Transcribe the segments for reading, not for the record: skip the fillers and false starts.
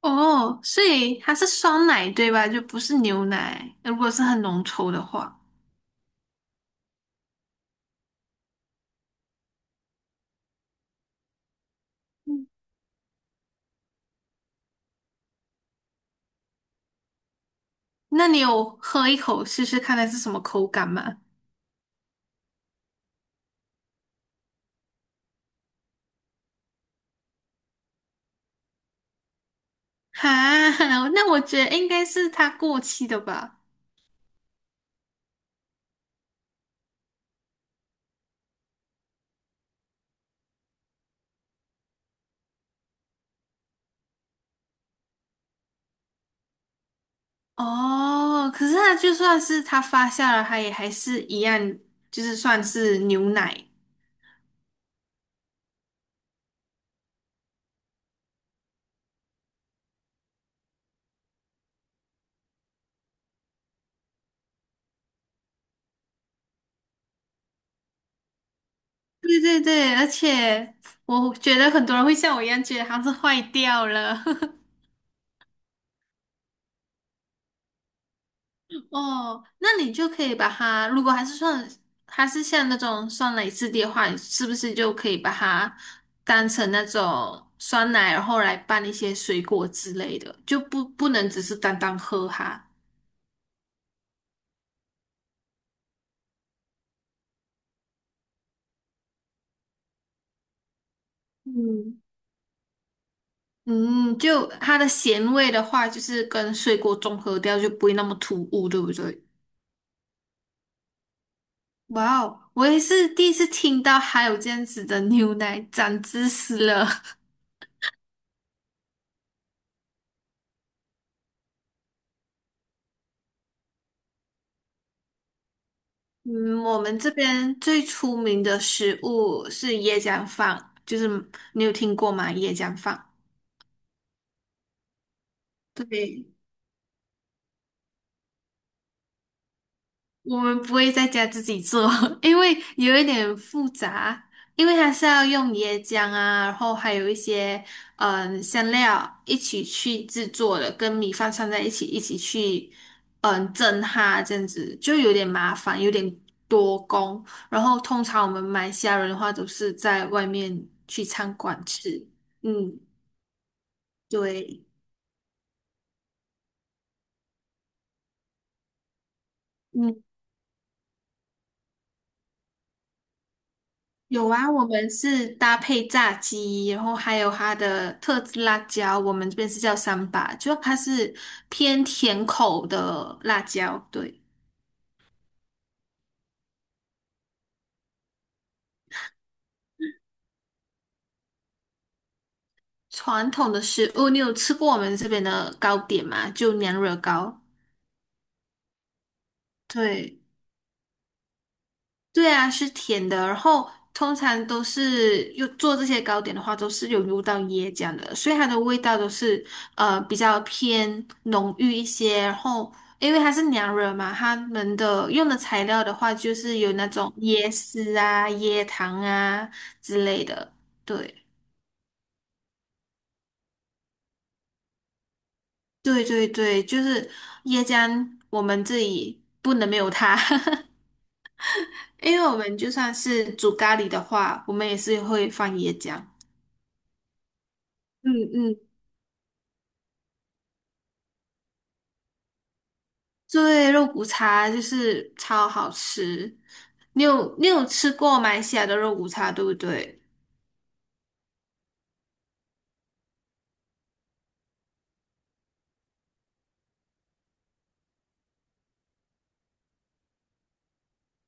哦，所以它是酸奶对吧？就不是牛奶。如果是很浓稠的话，嗯那你有喝一口试试看它是什么口感吗？哈，那我觉得应该是它过期的吧。哦，可是它就算是它发酵了，它也还是一样，就是算是牛奶。对对对，而且我觉得很多人会像我一样觉得它是坏掉了。哦，那你就可以把它，如果还是算，还是像那种酸奶质地的话，你是不是就可以把它当成那种酸奶，然后来拌一些水果之类的，就不能只是单单喝它。嗯，嗯，就它的咸味的话，就是跟水果中和掉，就不会那么突兀，对不对？哇哦，我也是第一次听到还有这样子的牛奶长知识了。嗯，我们这边最出名的食物是椰浆饭，就是你有听过吗？椰浆饭，对，我们不会在家自己做，因为有一点复杂，因为它是要用椰浆啊，然后还有一些香料一起去制作的，跟米饭串在一起，一起去蒸它，这样子就有点麻烦，有点多工。然后通常我们马来西亚人的话都是在外面去餐馆吃。嗯，对。嗯。有啊，我们是搭配炸鸡，然后还有它的特制辣椒，我们这边是叫三把，就它是偏甜口的辣椒。对，传统的食物，你有吃过我们这边的糕点吗？就娘惹糕。对。对啊，是甜的，然后通常都是又做这些糕点的话，都是有入到椰浆的，所以它的味道都是比较偏浓郁一些。然后因为它是娘惹嘛，他们的用的材料的话，就是有那种椰丝啊、椰糖啊之类的。对，对对对，就是椰浆，我们这里不能没有它，因为我们就算是煮咖喱的话，我们也是会放椰浆。嗯嗯。对，肉骨茶就是超好吃。你有你有吃过马来西亚的肉骨茶，对不对？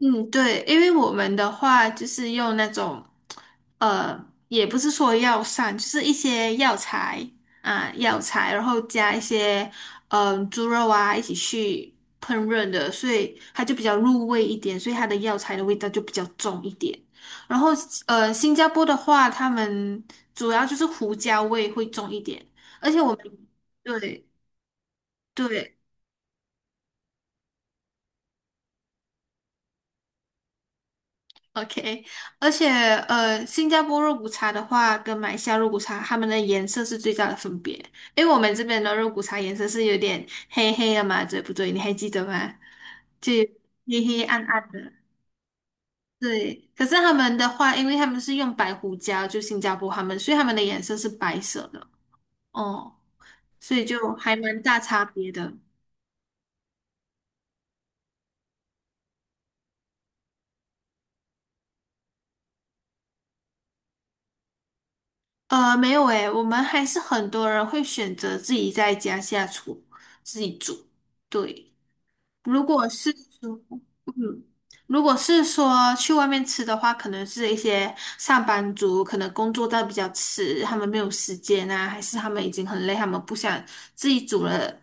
嗯，对，因为我们的话就是用那种，也不是说药膳，就是一些药材啊，药材，然后加一些猪肉啊一起去烹饪的，所以它就比较入味一点，所以它的药材的味道就比较重一点。然后新加坡的话，他们主要就是胡椒味会重一点，而且我们对对。OK,而且新加坡肉骨茶的话，跟马来西亚肉骨茶，它们的颜色是最大的分别。因为我们这边的肉骨茶颜色是有点黑黑的嘛，对不对？你还记得吗？就黑黑暗暗的。对，可是他们的话，因为他们是用白胡椒，就新加坡他们，所以他们的颜色是白色的。哦，所以就还蛮大差别的。没有诶，我们还是很多人会选择自己在家下厨，自己煮。对。如果是说，嗯，如果是说去外面吃的话，可能是一些上班族，可能工作到比较迟，他们没有时间啊，还是他们已经很累，他们不想自己煮了，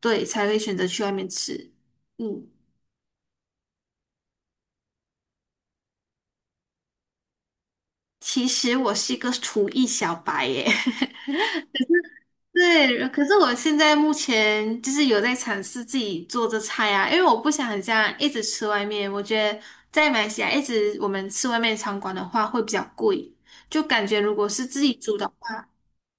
对，才会选择去外面吃。嗯，其实我是一个厨艺小白耶。对，可是我现在目前就是有在尝试自己做这菜啊，因为我不想这样一直吃外面，我觉得在马来西亚一直我们吃外面餐馆的话会比较贵，就感觉如果是自己煮的话，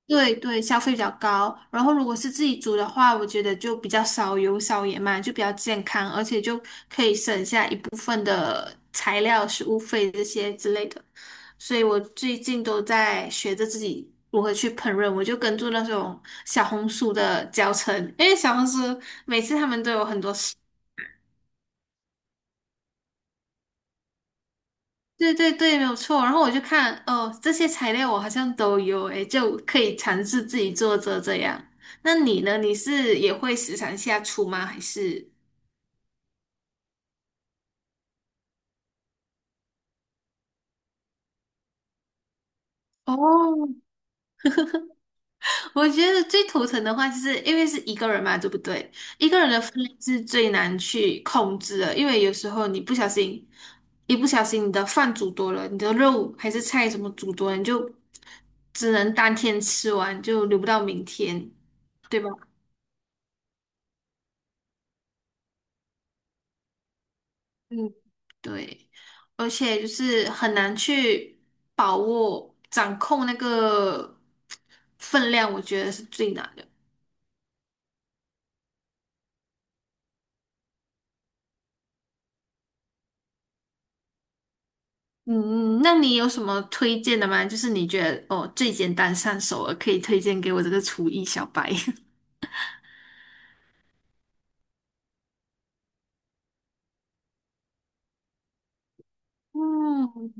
对对，消费比较高，然后如果是自己煮的话，我觉得就比较少油少盐嘛，就比较健康，而且就可以省下一部，材料、食物费这些之类的，所以我最近都在学着自己如何去烹饪。我就跟住那种小红书的教程，因为小红书每次他们都有很多食，对对对，没有错。然后我就看，哦，这些材料我好像都有，诶，就可以尝试自己做着这样。那你呢？你是也会时常下厨吗？还是？哦。 我觉得最头疼的话，就是因为是一个人嘛，对不对？一个人的分量是最难去控制的，因为有时候你不小心，一不小心你的饭煮多了，你的肉还是菜什么煮多了，你就只能当天吃完，就留不到明天，对吧？嗯，对，而且就是很难去把握、掌控那个分量，我觉得是最难的。嗯那你有什么推荐的吗？就是你觉得哦最简单上手了，可以推荐给我这个厨艺小白。嗯，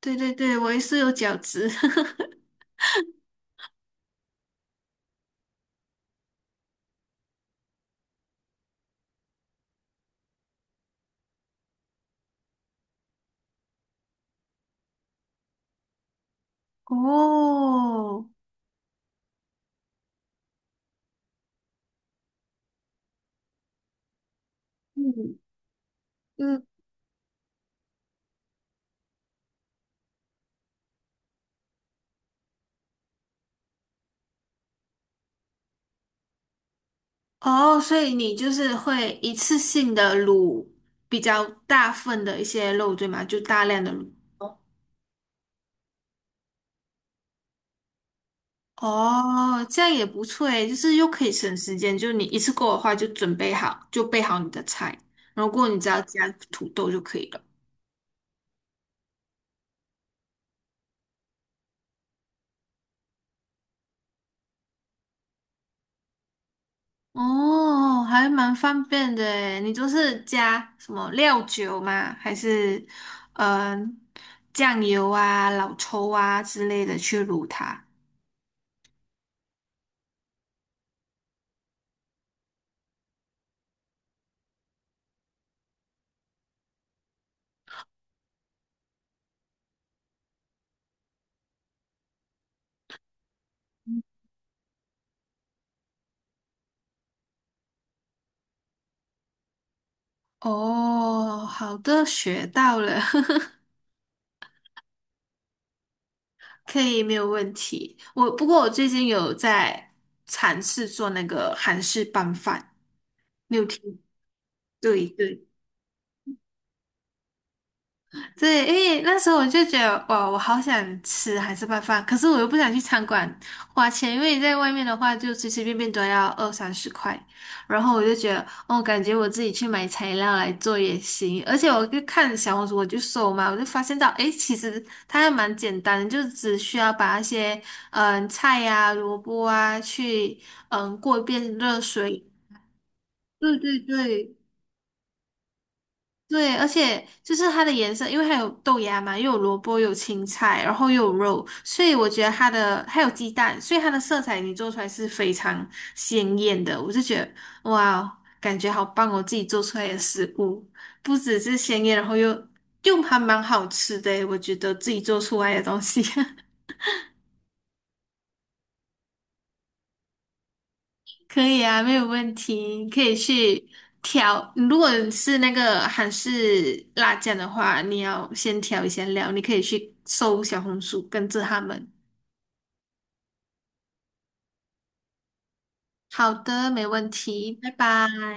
对对对，我也是有饺子。哦，嗯嗯，哦，所以你就是会一次性的卤比较大份的一些肉，对吗？就大量的卤。哦，这样也不错诶，就是又可以省时间，就是你一次过的话就准备好，就备好你的菜，然后过后你只要加土豆就可以了。哦，还蛮方便的诶，你就是加什么料酒吗？还是嗯、呃酱油啊、老抽啊之类的去卤它？哦，好的，学到了，可以，没有问题。不过我最近有在尝试做那个韩式拌饭，六有听？对对。对，因为那时候我就觉得，哇，我好想吃海式拌饭，可是我又不想去餐馆花钱，因为在外面的话就随随便便都要20-30块，然后我就觉得，哦，感觉我自己去买材料来做也行，而且我就看小红书，我就搜嘛，我就发现到，诶，其实它还蛮简单的，就只需要把那些菜呀、萝卜啊去过一遍热水，对对对。对，而且就是它的颜色，因为它有豆芽嘛，又有萝卜，又有青菜，然后又有肉，所以我觉得它的还有鸡蛋，所以它的色彩你做出来是非常鲜艳的。我就觉得哇哦，感觉好棒哦，自己做出来的食物不只是鲜艳，然后又还蛮好吃的诶，我觉得自己做出来的东西。可以啊，没有问题，可以去调。如果是那个韩式辣酱的话，你要先调一下料，你可以去搜小红书，跟着他们。好的，没问题，拜拜。